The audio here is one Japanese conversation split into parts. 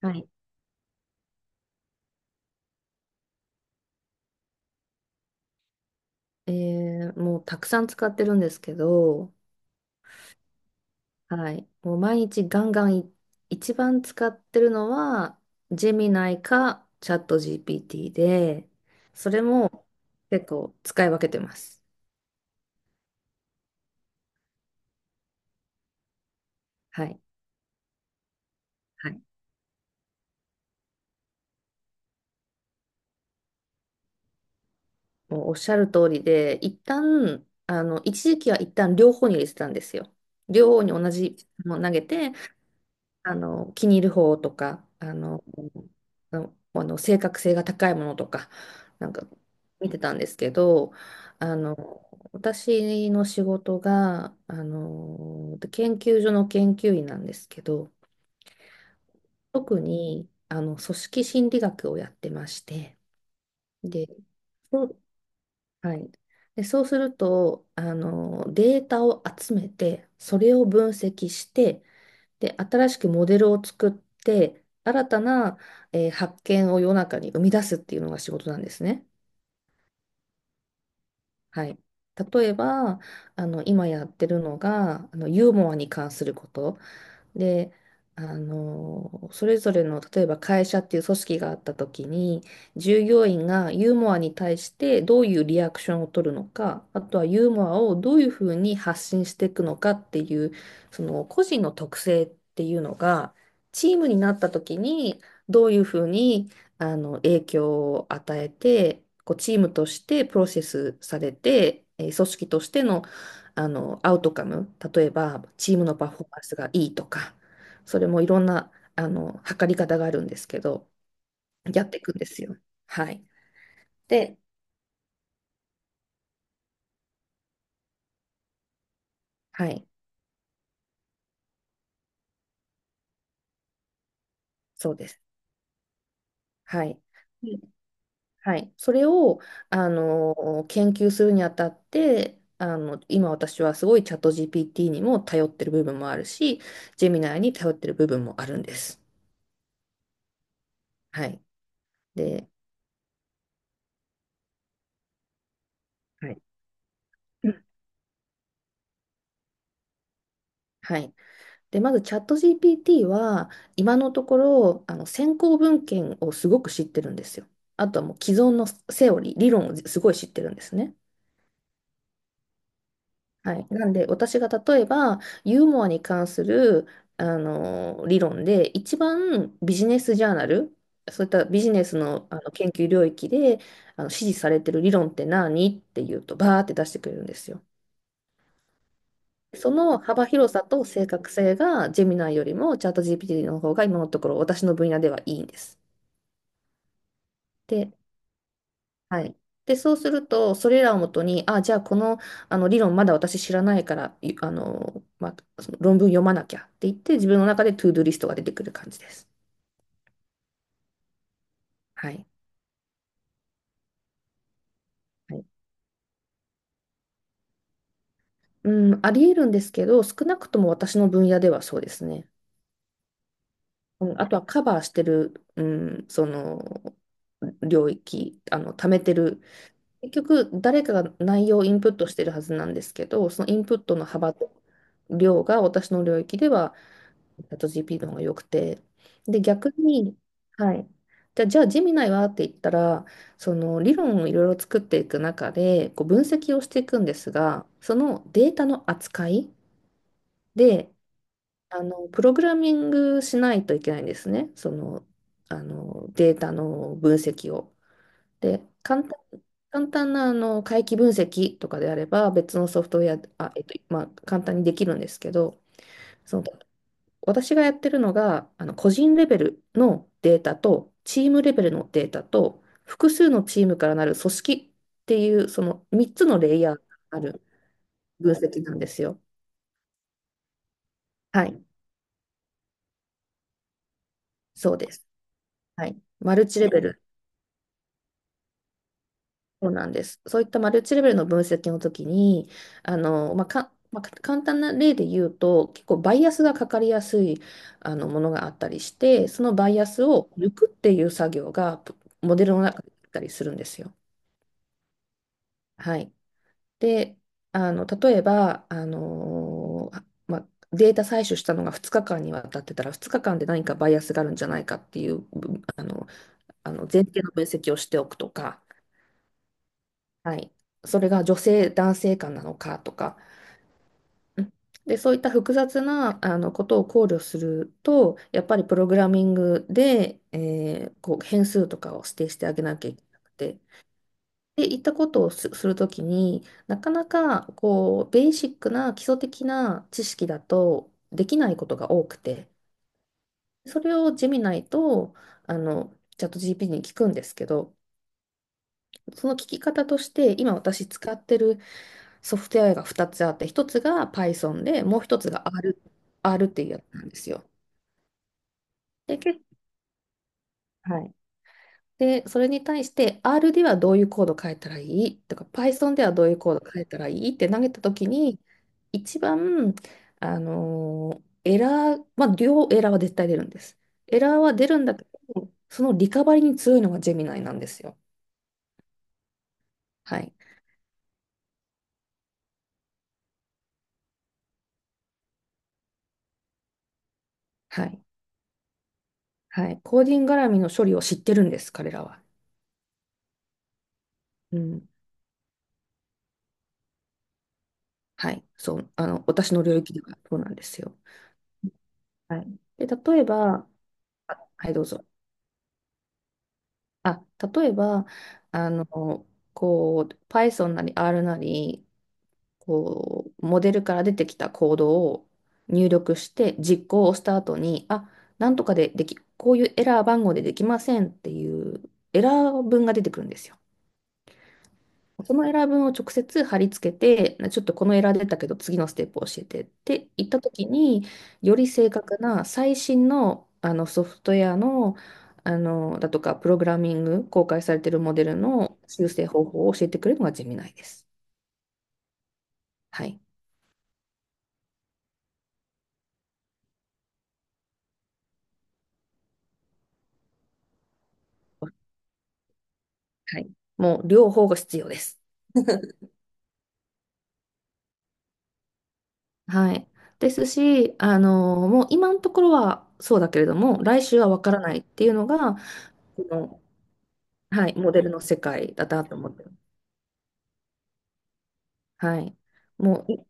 はい。えもうたくさん使ってるんですけど、はい。もう毎日ガンガン一番使ってるのは、ジェミナイかチャット GPT で、それも結構使い分けてます。はい。はい。もうおっしゃる通りで、一旦、一時期は一旦両方に入れてたんですよ。両方に同じもの投げて、気に入る方とか、の正確性が高いものとか、なんか見てたんですけど、あの、私の仕事が、研究所の研究員なんですけど、特に、組織心理学をやってまして、で、そうはい。で、そうすると、データを集めて、それを分析して、で、新しくモデルを作って、新たな、発見を世の中に生み出すっていうのが仕事なんですね。はい。例えば、今やってるのが、ユーモアに関すること。で、それぞれの、例えば会社っていう組織があった時に、従業員がユーモアに対してどういうリアクションを取るのか、あとはユーモアをどういうふうに発信していくのかっていう、その個人の特性っていうのが、チームになった時にどういうふうに影響を与えて、こうチームとしてプロセスされて、組織としてのアウトカム、例えばチームのパフォーマンスがいいとか、それもいろんな、測り方があるんですけど、やっていくんですよ。はい。で、はい、そうです。はい。ではい。それを、研究するにあたって、今私はすごいチャット GPT にも頼ってる部分もあるし、ジェミナーに頼ってる部分もあるんです。はい。で、はい。うんはい。で、まずチャット GPT は今のところ先行文献をすごく知ってるんですよ。あとはもう既存のセオリー、理論をすごい知ってるんですね。はい。なんで私が例えばユーモアに関するあの理論で一番ビジネスジャーナル、そういったビジネスの、研究領域で支持されてる理論って何っていうとバーって出してくれるんですよ。その幅広さと正確性がジェミナイよりもチャット GPT の方が今のところ私の分野ではいいんです。で、はい。で、そうすると、それらをもとに、あ、じゃあこの、あの理論まだ私知らないから、いあの、まあ、その論文読まなきゃって言って、自分の中でトゥードゥリストが出てくる感じです。はい。はい、うん、あり得るんですけど、少なくとも私の分野ではそうですね。うん、あとはカバーしてる、うん、その領域、貯めてる結局、誰かが内容をインプットしてるはずなんですけど、そのインプットの幅と量が私の領域では、チャット GP の方が良くて。で、逆に、はい。じゃあ、ジェミナイはって言ったら、その理論をいろいろ作っていく中で、こう分析をしていくんですが、そのデータの扱いで、プログラミングしないといけないんですね。その、データの分析を。で、簡単な回帰分析とかであれば別のソフトウェア、まあ、簡単にできるんですけど、その私がやってるのが個人レベルのデータとチームレベルのデータと複数のチームからなる組織っていうその3つのレイヤーがある分析なんですよ。はい、そうです。はい。マルチレベルそうなんです。そういったマルチレベルの分析の時に、まあ、簡単な例で言うと、結構バイアスがかかりやすいものがあったりして、そのバイアスを抜くっていう作業がプモデルの中であったりするんですよ。はい。で、例えば、データ採取したのが2日間にわたってたら、2日間で何かバイアスがあるんじゃないかっていう、ぶあの、あの前提の分析をしておくとか、はい、それが女性、男性間なのかとか、うんで、そういった複雑なことを考慮すると、やっぱりプログラミングで、こう変数とかを指定してあげなきゃいけなくて、で、いったことをするときになかなかこうベーシックな基礎的な知識だとできないことが多くて、それをジェミナイとあのチャット GPT に聞くんですけど、その聞き方として今私使ってるソフトウェアが2つあって、1つが Python で、もう1つが R、R っていうやつなんですよ。で、はい。で、それに対して R ではどういうコード変えたらいいとか Python ではどういうコード変えたらいいって投げたときに、一番、エラー、まあ、両エラーは絶対出るんです。エラーは出るんだけど、そのリカバリに強いのがジェミナイなんですよ。はい。はい。はい。コーディング絡みの処理を知ってるんです、彼らは。うん。はい、そう、私の領域ではそうなんですよ。はい。で、例えば、はい、どうぞ。あ、例えば、あの、こう、Python なり R なり、こう、モデルから出てきたコードを入力して、実行をした後に、なんとかででき、こういうエラー番号でできませんっていうエラー文が出てくるんですよ。そのエラー文を直接貼り付けて、ちょっとこのエラー出たけど次のステップを教えてって言った時に、より正確な最新の、ソフトウェアの、だとか、プログラミング、公開されているモデルの修正方法を教えてくれるのがジェミナイです。はい。はい。もう両方が必要です。はい。ですし、もう今のところはそうだけれども、来週はわからないっていうのが、この、はい、モデルの世界だなと思ってる。はい。もう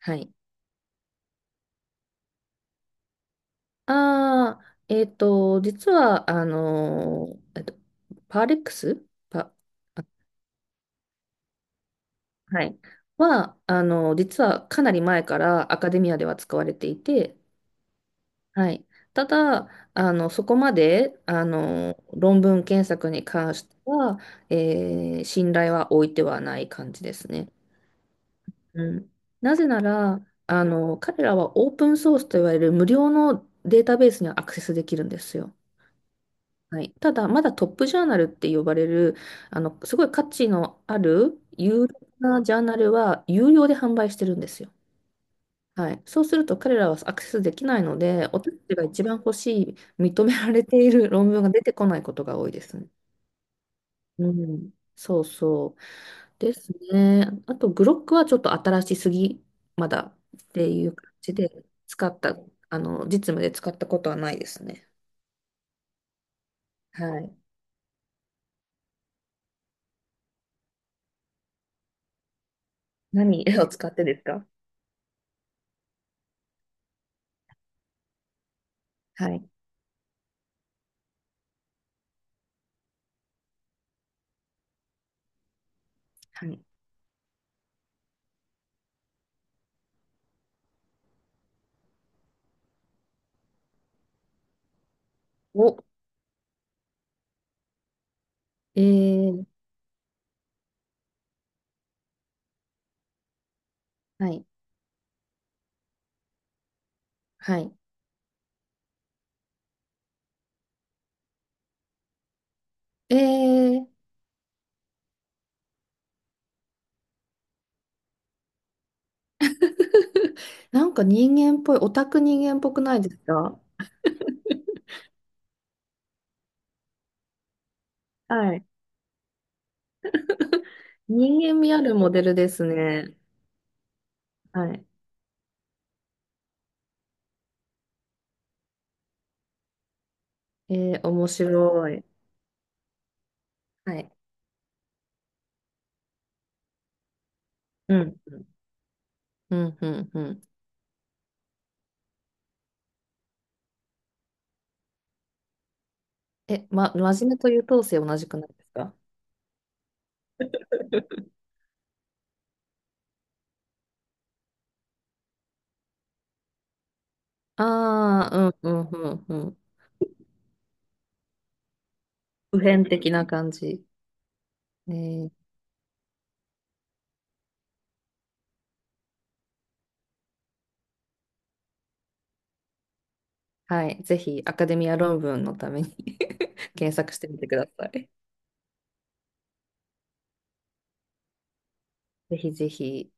はい。ああ、実は、ー、えっと、パーレックスパ、あはい。は、あのー、実はかなり前からアカデミアでは使われていて、はい。ただ、そこまで、論文検索に関しては、信頼は置いてはない感じですね。うん。なぜなら、彼らはオープンソースといわれる無料のデータベースにはアクセスできるんですよ。はい、ただ、まだトップジャーナルって呼ばれる、すごい価値のある有料なジャーナルは有料で販売してるんですよ。はい、そうすると彼らはアクセスできないので、私たちが一番欲しい、認められている 論文が出てこないことが多いですね。うん、そうそう。ですね。あと、グロックはちょっと新しすぎ、まだっていう感じで、使った、あの、実務で使ったことはないですね。はい。何を使ってですか？はい。はいお、えー、はい、はい。えー、なんか人間っぽい、オタク人間っぽくないですか？はい。人間味あるモデルですね。はい。え面白い。はい。うん。うん、うん、うん。真面目と優等生同じくないですか？ ああうん、うん、うん、うん。普遍的な感じ。えー、はい。ぜひ、アカデミア論文のために 検索してみてください。ぜひぜひ。